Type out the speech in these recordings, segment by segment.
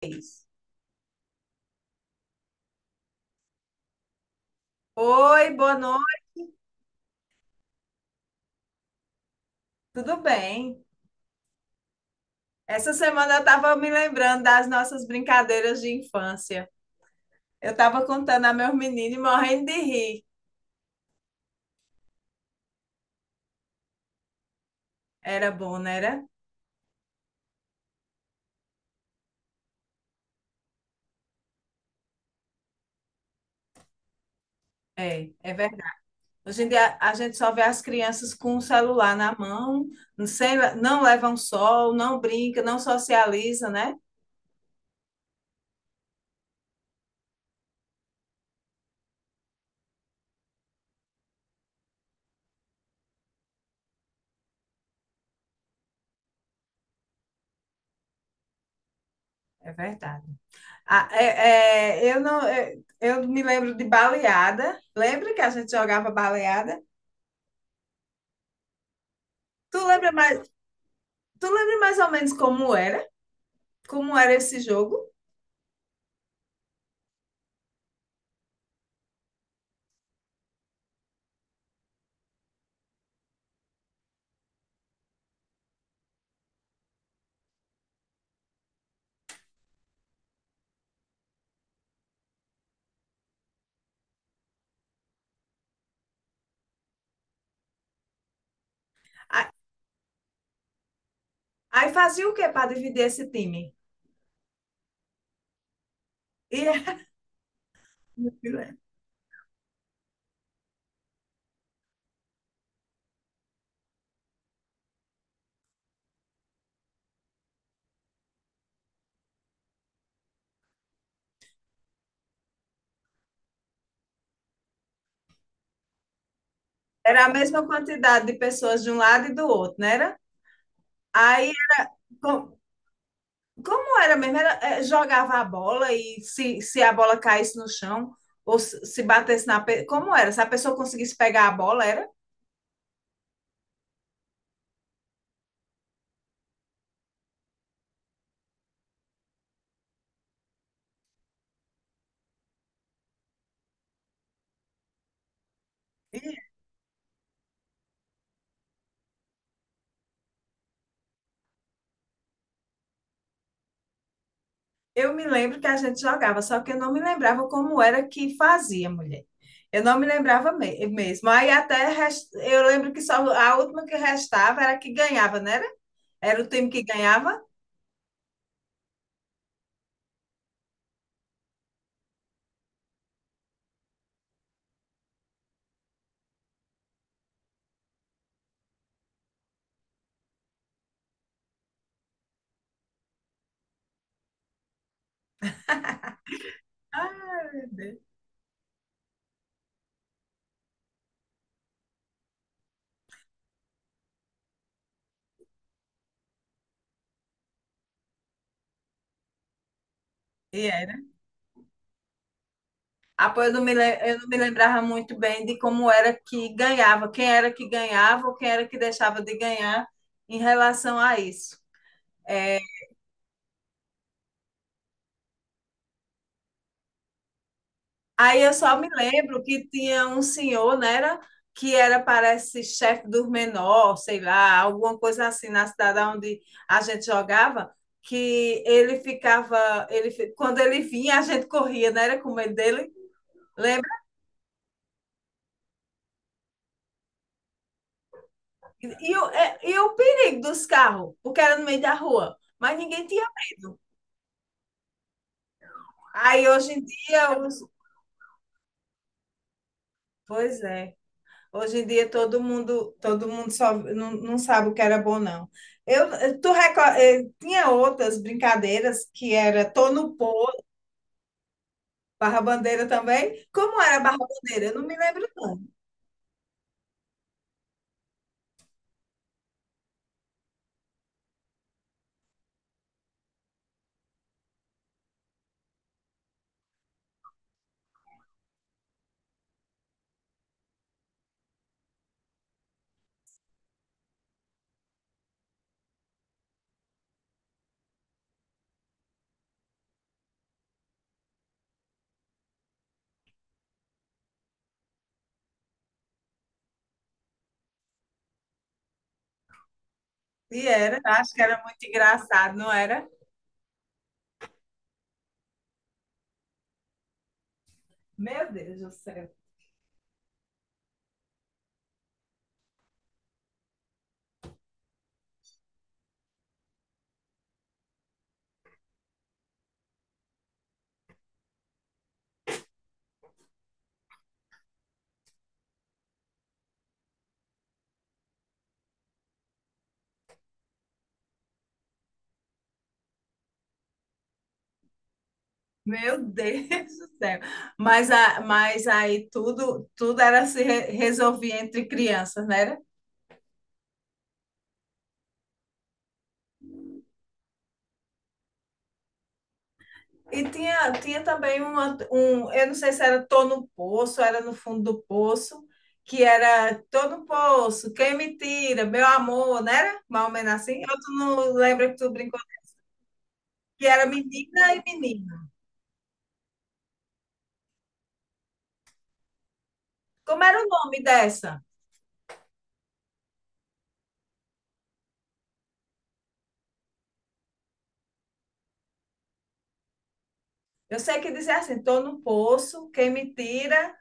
Vez. Oi, boa noite, tudo bem? Essa semana eu estava me lembrando das nossas brincadeiras de infância. Eu estava contando a meus meninos e morrendo de rir. Era bom, não era? É, verdade. Hoje em dia a gente só vê as crianças com o celular na mão, sem, não levam sol, não brinca, não socializa, né? É verdade. Ah, é- é, eu não, é, eu me lembro de baleada. Lembra que a gente jogava baleada? Tu lembra mais, tu lembra mais ou menos como era? Como era esse jogo. Aí fazia o que para dividir esse time? E era a mesma quantidade de pessoas de um lado e do outro, não era? Aí, com- como era mesmo? Era, jogava a bola e se a bola caísse no chão ou se batesse na... Como era? Se a pessoa conseguisse pegar a bola, era? Eu me lembro que a gente jogava, só que eu não me lembrava como era que fazia, mulher. Eu não me lembrava mesmo. Aí eu lembro que só a última que restava era a que ganhava, não era? Era o time que ganhava? Ai, meu Deus. E era. Ah, pô, eu não me lembrava muito bem de como era que ganhava, quem era que ganhava ou quem era que deixava de ganhar em relação a isso. É, aí eu só me lembro que tinha um senhor, que era, parece, chefe dos menores, sei lá, alguma coisa assim, na cidade onde a gente jogava, que ele ficava, quando ele vinha, a gente corria, né, era com medo dele, lembra? E o perigo dos carros, porque era no meio da rua, mas ninguém tinha. Aí hoje em dia, os... pois é. Hoje em dia todo mundo só não sabe o que era bom, não. Eu, eh, tu reco- eh, tinha outras brincadeiras que era tô no pô, barra bandeira também. Como era barra bandeira? Eu não me lembro não. E era, acho que era muito engraçado, não era? Meu Deus do céu. Meu Deus do céu. Mas aí tudo era se re- resolvia entre crianças, né? E tinha, tinha também eu não sei se era Tô no Poço, era no fundo do poço, que era Tô no Poço, quem me tira, meu amor, não era? Mais ou menos assim. Eu tu não lembra que tu brincou, que era menina e menino. Como era o nome dessa? Eu sei que dizia assim, Tô no Poço, quem me tira,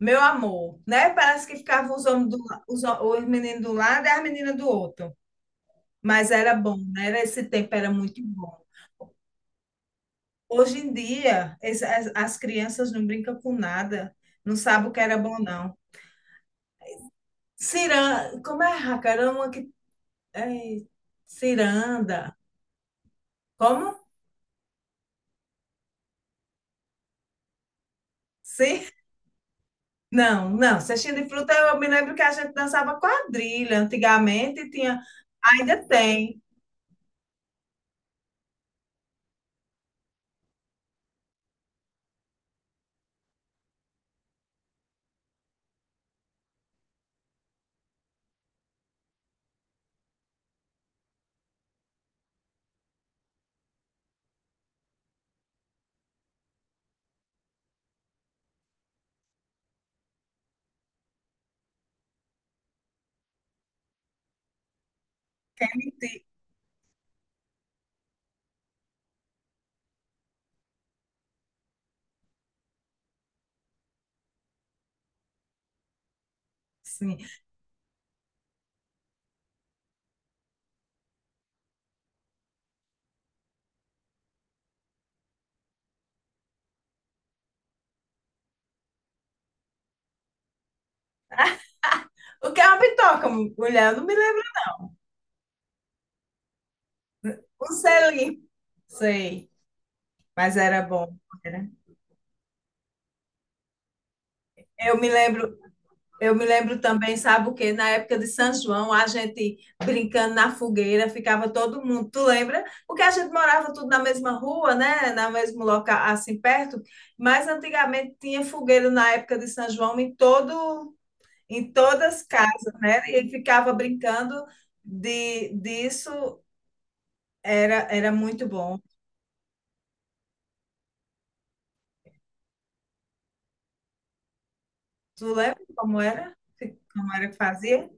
meu amor, né? Parece que ficavam os homens do, la- os, ho- os meninos do lado e as meninas do outro. Mas era bom, né? Era- Esse tempo era muito bom. Hoje em dia, as crianças não brincam com nada, não sabem o que era bom, não. Ciranda, como é, Racarama? Que, é, ciranda. Como? Sim? Não, não. Cestinha de fruta, eu me lembro que a gente dançava quadrilha antigamente, tinha, ainda tem. Ti- Sim. O que é uma bitoca, mulher? Eu não me lembro. Um selim. Sei, mas era bom. Era. Eu me lembro. Eu me lembro também, sabe o quê? Na época de São João, a gente brincando na fogueira, ficava todo mundo, tu lembra? Porque a gente morava tudo na mesma rua, né? Na mesmo local, assim, perto. Mas antigamente tinha fogueira na época de São João em todas as casas, né? E ficava brincando de, disso, era muito bom. Tu lembra como era? Como era que fazia?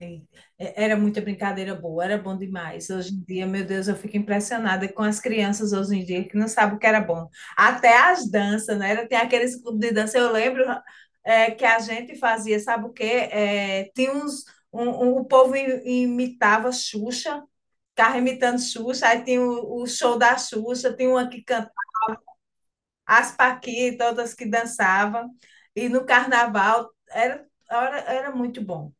E- Era muita brincadeira boa, era bom demais. Hoje em dia, meu Deus, eu fico impressionada com as crianças hoje em dia que não sabem o que era bom. Até as danças, né? Era- Tem aqueles clubes de dança, eu lembro que a gente fazia, sabe o quê? É, tinha uns, um- o povo imitava Xuxa, ficava imitando Xuxa, aí tinha o show da Xuxa, tinha uma que cantava, as Paquitas, outras que dançavam. E no carnaval, era muito bom.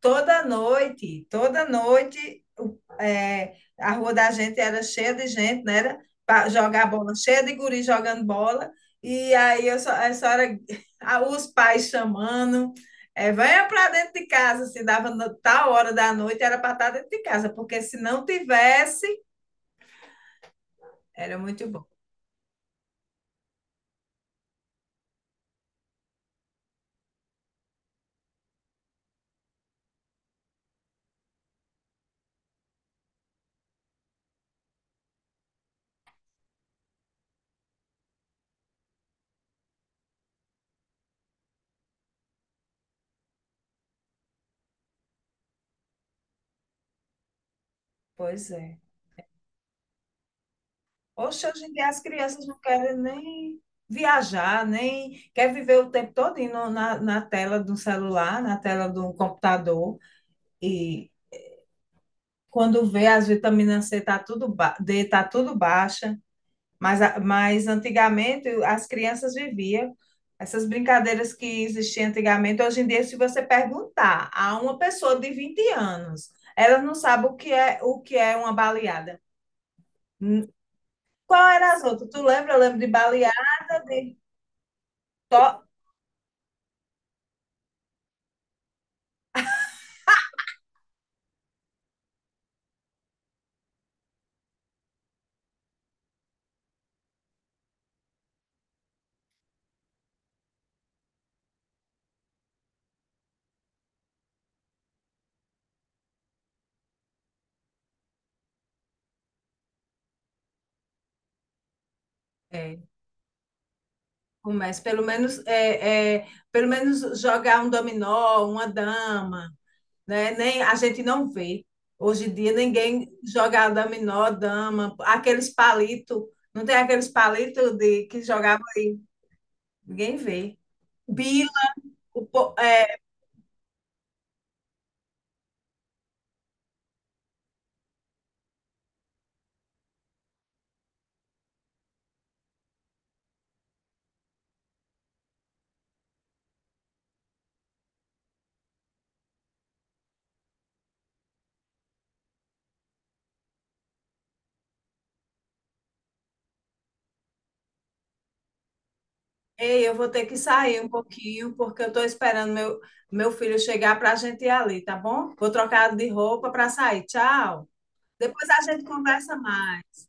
Toda noite, a rua da gente era cheia de gente, né? Era para jogar bola, cheia de guri jogando bola. E aí eu só era os pais chamando, é, venha para dentro de casa, se dava tal hora da noite, era para estar dentro de casa, porque se não tivesse, era muito bom. Pois é. Hoje em dia as crianças não querem nem viajar, nem quer viver o tempo todo na, na tela do celular, na tela do computador. E quando vê, as vitaminas C D tá tudo baixa, mas, mas antigamente as crianças viviam essas brincadeiras que existiam antigamente. Hoje em dia, se você perguntar a uma pessoa de 20 anos, ela não sabe o que é uma baleada. Hum, Qual era as outras? Tu lembra? Eu lembro de baleada, de to- É, começo, pelo menos, pelo menos jogar um dominó, uma dama, né? Nem, a gente não vê. Hoje em dia ninguém joga dominó, dama, aqueles palitos, não tem aqueles palitos de que jogava aí, ninguém vê. Bilo, o po- é, ei, eu vou ter que sair um pouquinho, porque eu estou esperando meu filho chegar para a gente ir ali, tá bom? Vou trocar de roupa para sair. Tchau. Depois a gente conversa mais.